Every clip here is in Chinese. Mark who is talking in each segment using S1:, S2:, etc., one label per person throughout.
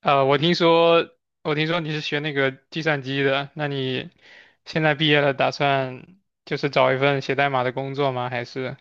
S1: 我听说，你是学那个计算机的，那你现在毕业了，打算就是找一份写代码的工作吗？还是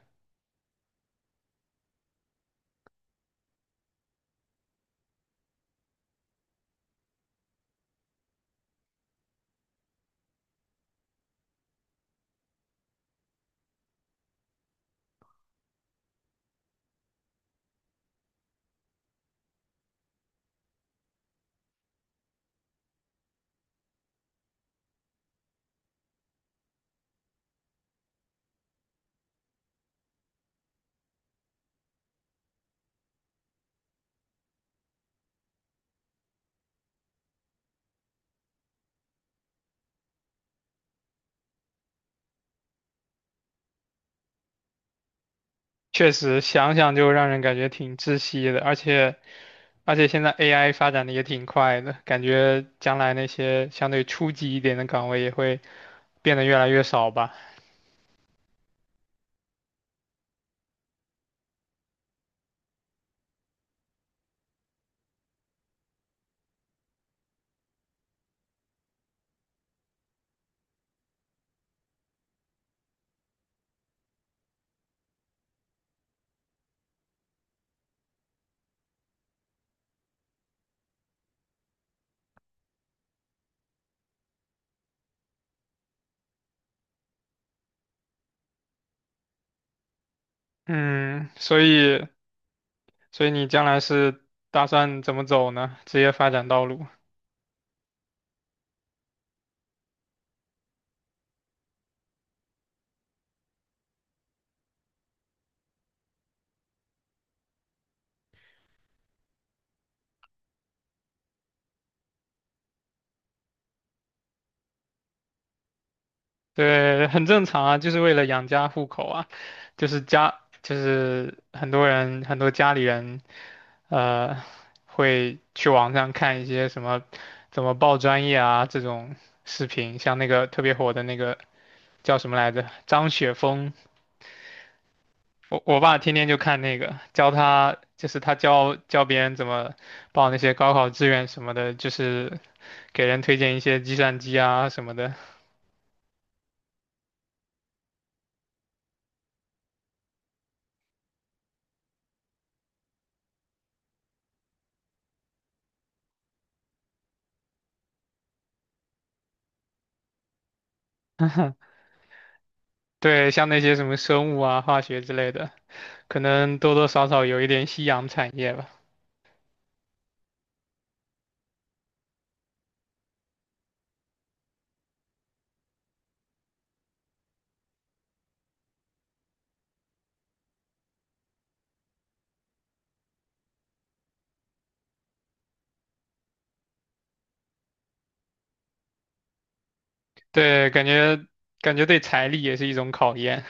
S1: 确实想想就让人感觉挺窒息的，而且现在 AI 发展的也挺快的，感觉将来那些相对初级一点的岗位也会变得越来越少吧。嗯，所以你将来是打算怎么走呢？职业发展道路？对，很正常啊，就是为了养家糊口啊，就是家，就是很多人，很多家里人，呃，会去网上看一些什么怎么报专业啊这种视频，像那个特别火的那个叫什么来着，张雪峰，我爸天天就看那个，教他就是他教别人怎么报那些高考志愿什么的，就是给人推荐一些计算机啊什么的。对，像那些什么生物啊、化学之类的，可能多多少少有一点夕阳产业吧。对，感觉对财力也是一种考验。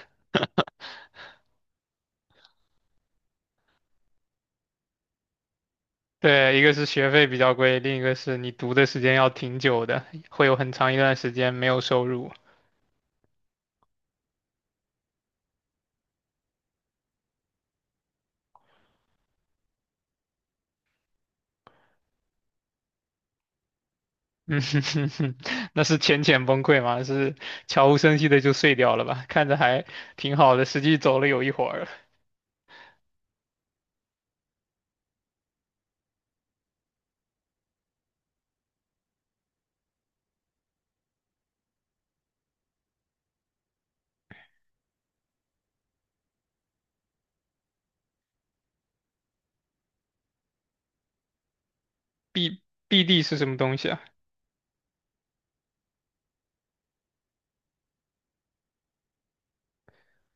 S1: 对，一个是学费比较贵，另一个是你读的时间要挺久的，会有很长一段时间没有收入。嗯哼哼哼，那是浅浅崩溃吗？是悄无声息的就碎掉了吧？看着还挺好的，实际走了有一会儿了。B BD 是什么东西啊？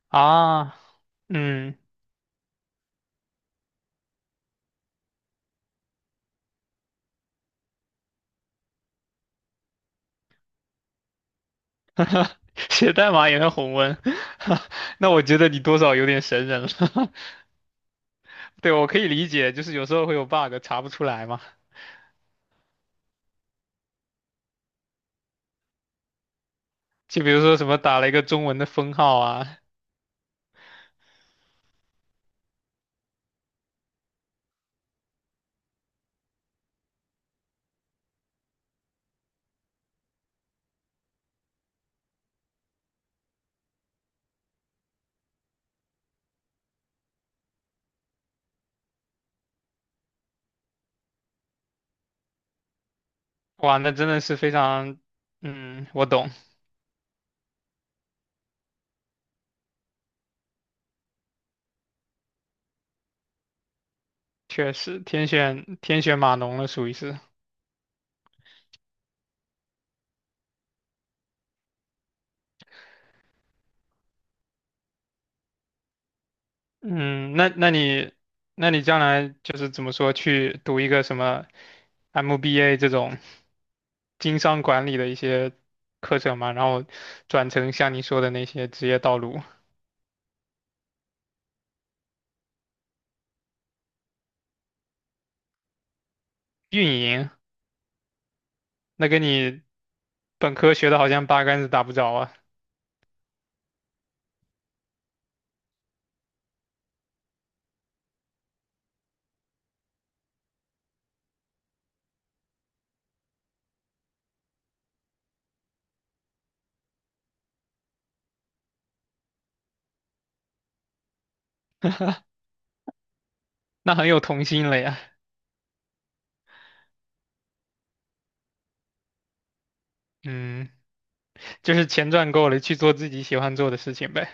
S1: 啊，嗯。写代码也能红温，那我觉得你多少有点神人了。对，我可以理解，就是有时候会有 bug 查不出来嘛。就比如说什么打了一个中文的分号啊，哇，那真的是非常，嗯，我懂，确实天选天选码农了，属于是。嗯，那你那你将来就是怎么说去读一个什么 MBA 这种经商管理的一些课程嘛，然后转成像你说的那些职业道路，运营。那跟你本科学的好像八竿子打不着啊，那很有童心了呀。嗯，就是钱赚够了，去做自己喜欢做的事情呗。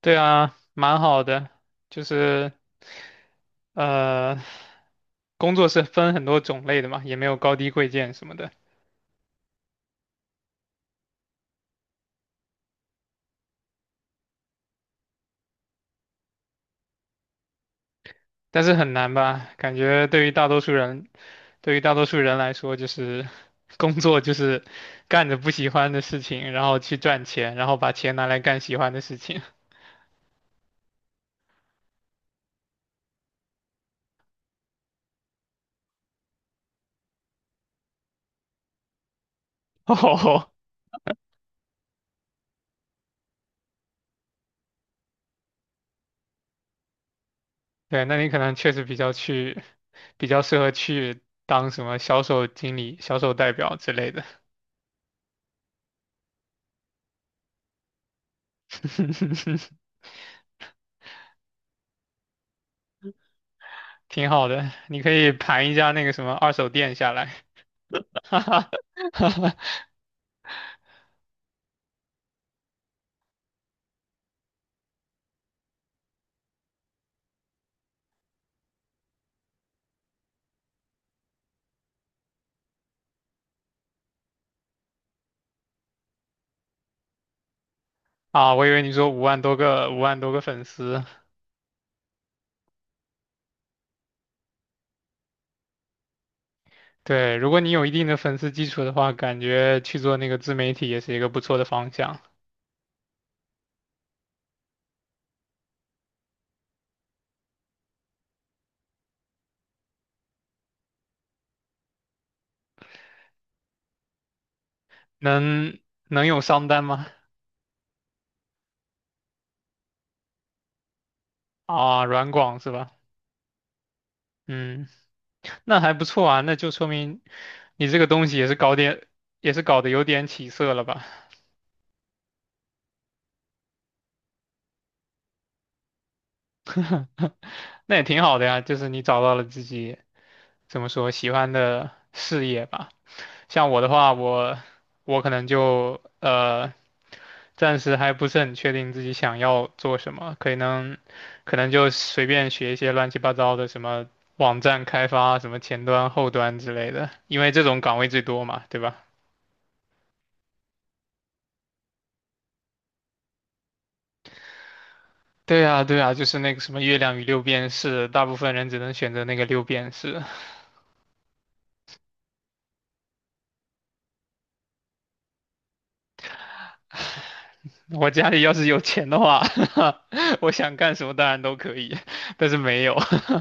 S1: 对啊，蛮好的。就是呃，工作是分很多种类的嘛，也没有高低贵贱什么的，但是很难吧？感觉对于大多数人，对于大多数人来说，就是工作就是干着不喜欢的事情，然后去赚钱，然后把钱拿来干喜欢的事情。哦，对，那你可能确实比较去，比较适合去当什么销售经理、销售代表之类的，挺好的。你可以盘一家那个什么二手店下来啊，我以为你说五万多个、5万多个粉丝。对，如果你有一定的粉丝基础的话，感觉去做那个自媒体也是一个不错的方向。能能有商单吗？啊，软广是吧？嗯，那还不错啊，那就说明你这个东西也是搞点，也是搞得有点起色了吧？那也挺好的呀，就是你找到了自己怎么说喜欢的事业吧。像我的话，我我可能就暂时还不是很确定自己想要做什么，可能可能就随便学一些乱七八糟的什么网站开发、什么前端、后端之类的，因为这种岗位最多嘛，对吧？对啊，对啊，就是那个什么月亮与六便士，大部分人只能选择那个六便士。我家里要是有钱的话，我想干什么当然都可以，但是没有。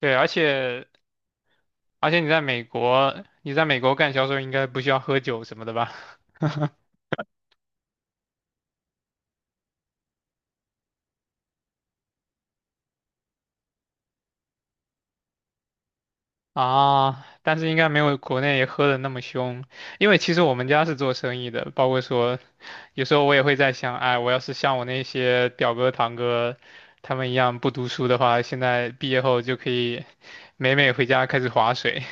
S1: 对，而且你在美国，你在美国干销售应该不需要喝酒什么的吧？啊，但是应该没有国内喝的那么凶，因为其实我们家是做生意的，包括说，有时候我也会在想，哎，我要是像我那些表哥堂哥他们一样不读书的话，现在毕业后就可以美美回家开始划水，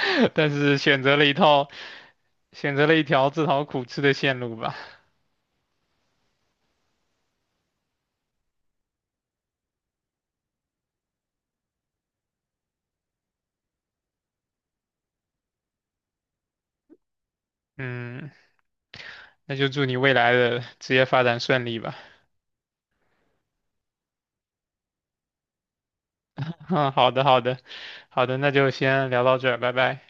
S1: 但是选择了一套。选择了一条自讨苦吃的线路吧。嗯，那就祝你未来的职业发展顺利吧。嗯，好的，好的，好的，那就先聊到这儿，拜拜。